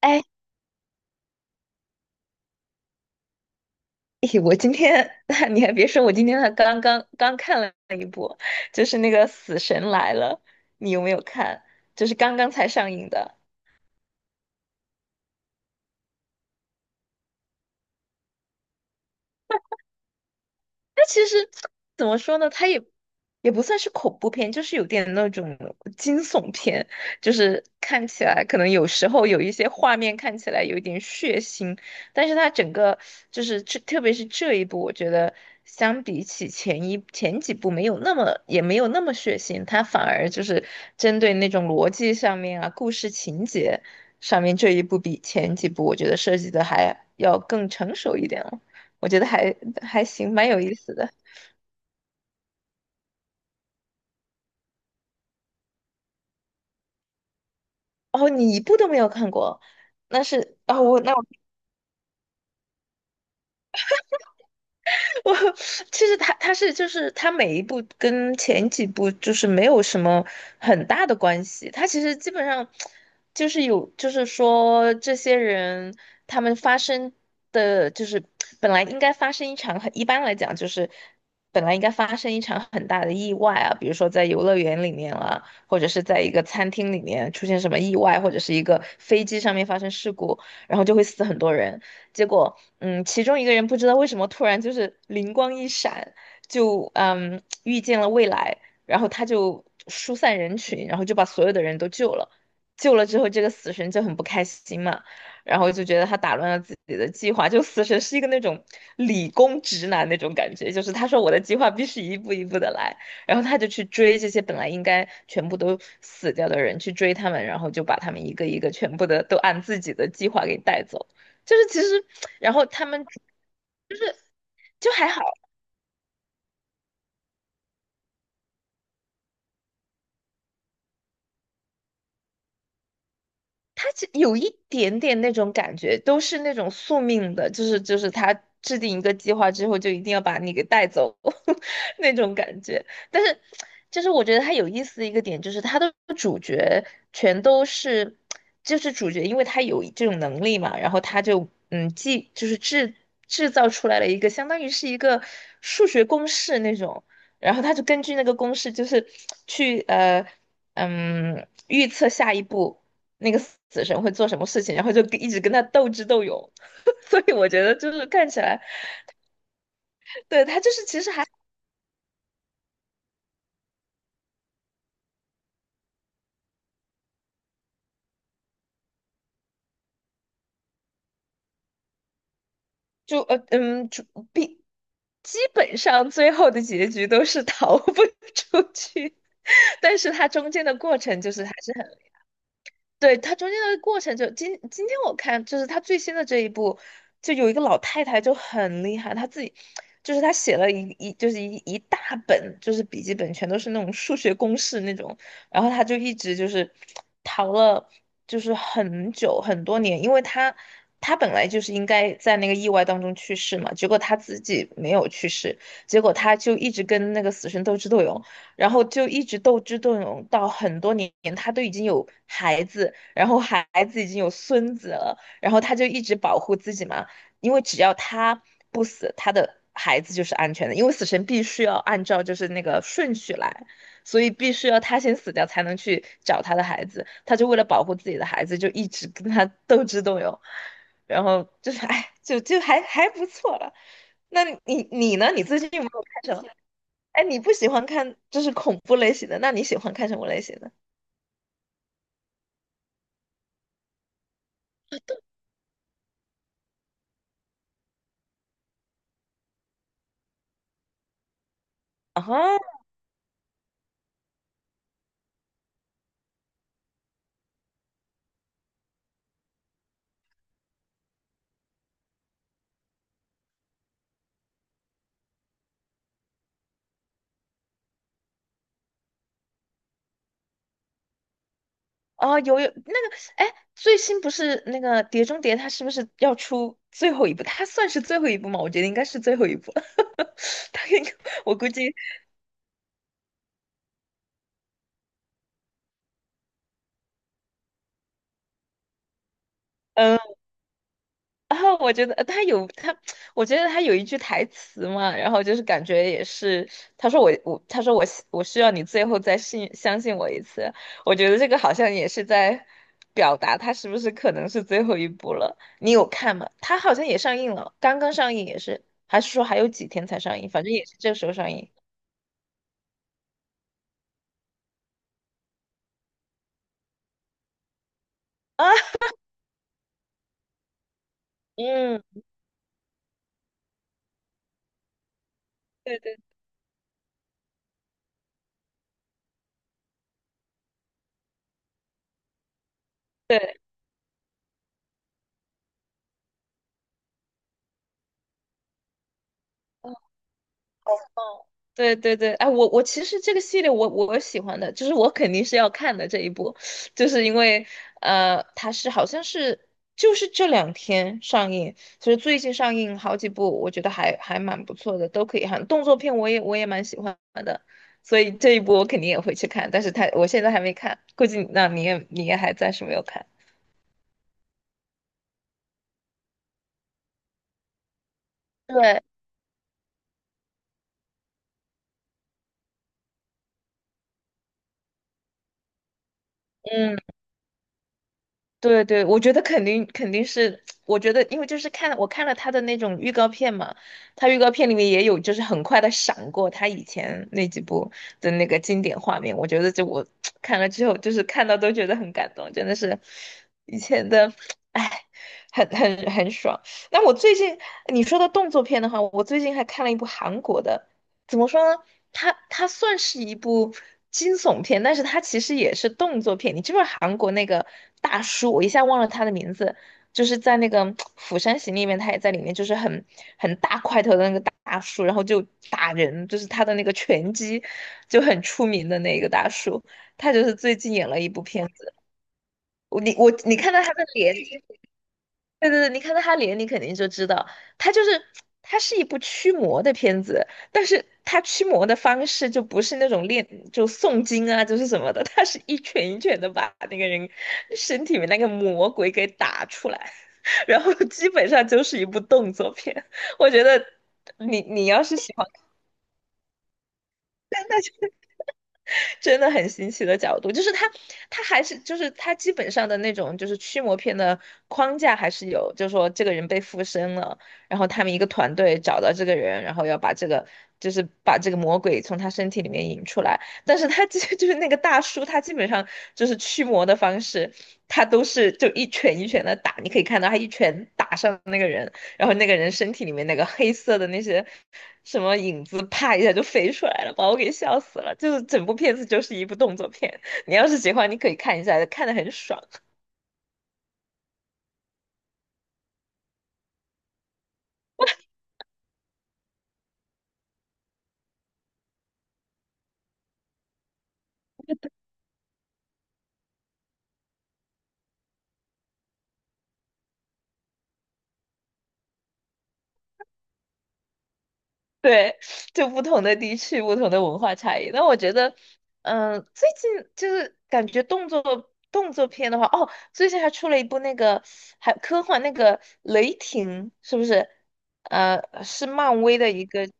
哎，我今天 你还别说，我今天还刚刚看了一部，就是那个《死神来了》，你有没有看？就是刚刚才上映的。它其实怎么说呢？它也不算是恐怖片，就是有点那种惊悚片，就是看起来可能有时候有一些画面看起来有一点血腥，但是它整个就是这，特别是这一部，我觉得相比起前几部没有那么也没有那么血腥，它反而就是针对那种逻辑上面啊、故事情节上面这一部比前几部我觉得设计的还要更成熟一点了。我觉得还行，蛮有意思的。哦，你一部都没有看过，那是哦，我那 我其实他是就是他每一步跟前几部就是没有什么很大的关系，他其实基本上就是有就是说这些人他们发生的就是本来应该发生一场很一般来讲就是本来应该发生一场很大的意外啊，比如说在游乐园里面啦，或者是在一个餐厅里面出现什么意外，或者是一个飞机上面发生事故，然后就会死很多人。结果，其中一个人不知道为什么突然就是灵光一闪，就遇见了未来，然后他就疏散人群，然后就把所有的人都救了。救了之后，这个死神就很不开心嘛，然后就觉得他打乱了自己的计划。就死神是一个那种理工直男那种感觉，就是他说我的计划必须一步一步的来，然后他就去追这些本来应该全部都死掉的人，去追他们，然后就把他们一个一个全部的都按自己的计划给带走。就是其实，然后他们就还好。它其有一点点那种感觉，都是那种宿命的，就是他制定一个计划之后，就一定要把你给带走 那种感觉。但是，就是我觉得它有意思的一个点，就是它的主角全都是，就是主角，因为他有这种能力嘛，然后他就既就是制造出来了一个相当于是一个数学公式那种，然后他就根据那个公式，就是去预测下一步。那个死神会做什么事情，然后就跟一直跟他斗智斗勇。所以我觉得就是看起来，对，他就是其实还就，必基本上最后的结局都是逃不 出去，但是他中间的过程就是还是很。对，它中间的过程就今天我看就是它最新的这一部，就有一个老太太就很厉害，她自己就是她写了就是一大本就是笔记本，全都是那种数学公式那种，然后她就一直就是逃了就是很久很多年，因为她本来就是应该在那个意外当中去世嘛，结果她自己没有去世，结果她就一直跟那个死神斗智斗勇。然后就一直斗智斗勇到很多年，他都已经有孩子，然后已经有孙子了，然后他就一直保护自己嘛，因为只要他不死，他的孩子就是安全的，因为死神必须要按照就是那个顺序来，所以必须要他先死掉才能去找他的孩子，他就为了保护自己的孩子，就一直跟他斗智斗勇，然后就是哎，就还不错了。那你你呢？你最近有没有看什么？哎，你不喜欢看就是恐怖类型的，那你喜欢看什么类型的？啊哈，啊，有那个，哎，最新不是那个《碟中谍》，它是不是要出最后一部？它算是最后一部吗？我觉得应该是最后一部。它应该，我估计。嗯。然后我觉得他有他，我觉得他有一句台词嘛，然后就是感觉也是，他说他说我需要你最后再相信我一次，我觉得这个好像也是在表达他是不是可能是最后一步了。你有看吗？他好像也上映了，刚刚上映也是，还是说还有几天才上映？反正也是这时候上映 啊。嗯，对对，哦，对对对，哎，我我其实这个系列我喜欢的，就是我肯定是要看的这一部，就是因为，它是好像是就是这两天上映，就是最近上映好几部，我觉得还蛮不错的，都可以看。动作片我也蛮喜欢的，所以这一部我肯定也会去看，但是它我现在还没看，估计那你也还暂时没有看。对，嗯。对对，我觉得肯定肯定是，我觉得因为就是我看了他的那种预告片嘛，他预告片里面也有就是很快的闪过他以前那几部的那个经典画面，我觉得就我 看了之后就是看到都觉得很感动，真的是以前的，哎，很爽。那我最近你说到动作片的话，我最近还看了一部韩国的。怎么说呢？他算是一部惊悚片，但是他其实也是动作片。你知不知道韩国那个大叔，我一下忘了他的名字，就是在那个《釜山行》里面，他也在里面，很大块头的那个大叔，然后就打人，就是他的那个拳击就很出名的那个大叔，他就是最近演了一部片子。我你看到他的脸。对对对，你看到他脸，你肯定就知道，他就是他是一部驱魔的片子，但是他驱魔的方式就不是那种诵经啊，就是什么的，他是一拳一拳的把那个人身体里面那个魔鬼给打出来，然后基本上就是一部动作片。我觉得你要是喜欢看，那就。真的很新奇的角度，就是他，他还是就是他基本上的那种就是驱魔片的框架还是有，就是说这个人被附身了，然后他们一个团队找到这个人，然后要把这个就是把这个魔鬼从他身体里面引出来，但是他基 就是那个大叔，他基本上就是驱魔的方式，他都是就一拳一拳的打，你可以看到他一拳打上那个人。然后那个人身体里面那个黑色的那些什么影子，啪一下就飞出来了，把我给笑死了。就是整部片子就是一部动作片，你要是喜欢，你可以看一下，看得很爽。对，就不同的地区、不同的文化差异。那我觉得，最近就是感觉动作片的话，哦，最近还出了一部那个还科幻那个《雷霆》，是不是？呃，是漫威的一个，就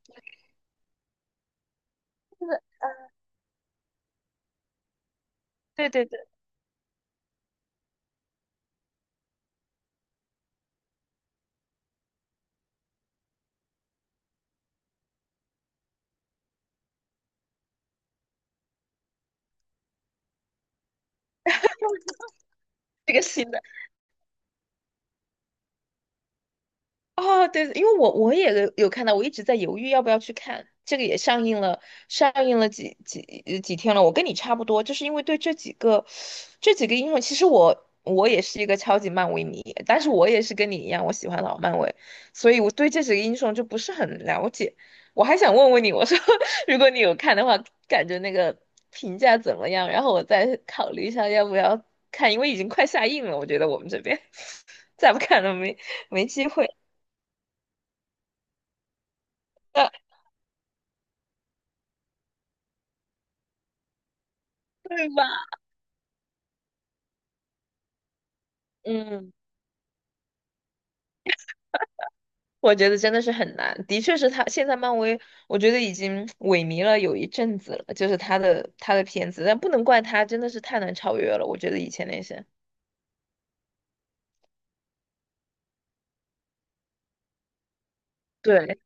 是对对对，这个新的。哦，对，因为我也有看到，我一直在犹豫要不要去看。这个也上映了，上映了几天了。我跟你差不多，就是因为对这几个英雄，其实我也是一个超级漫威迷，但是我也是跟你一样，我喜欢老漫威，所以我对这几个英雄就不是很了解。我还想问问你，我说 如果你有看的话，感觉那个评价怎么样？然后我再考虑一下要不要看，因为已经快下映了，我觉得我们这边 再不看了没机会。呃，对吧？嗯，我觉得真的是很难，的确是他现在漫威，我觉得已经萎靡了有一阵子了，就是他的片子，但不能怪他，真的是太难超越了，我觉得以前那些。对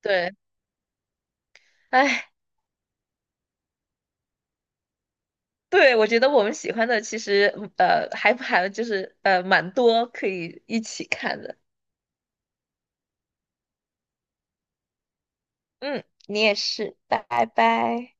对，哎，对，我觉得我们喜欢的其实就是蛮多可以一起看的，嗯，你也是，拜拜。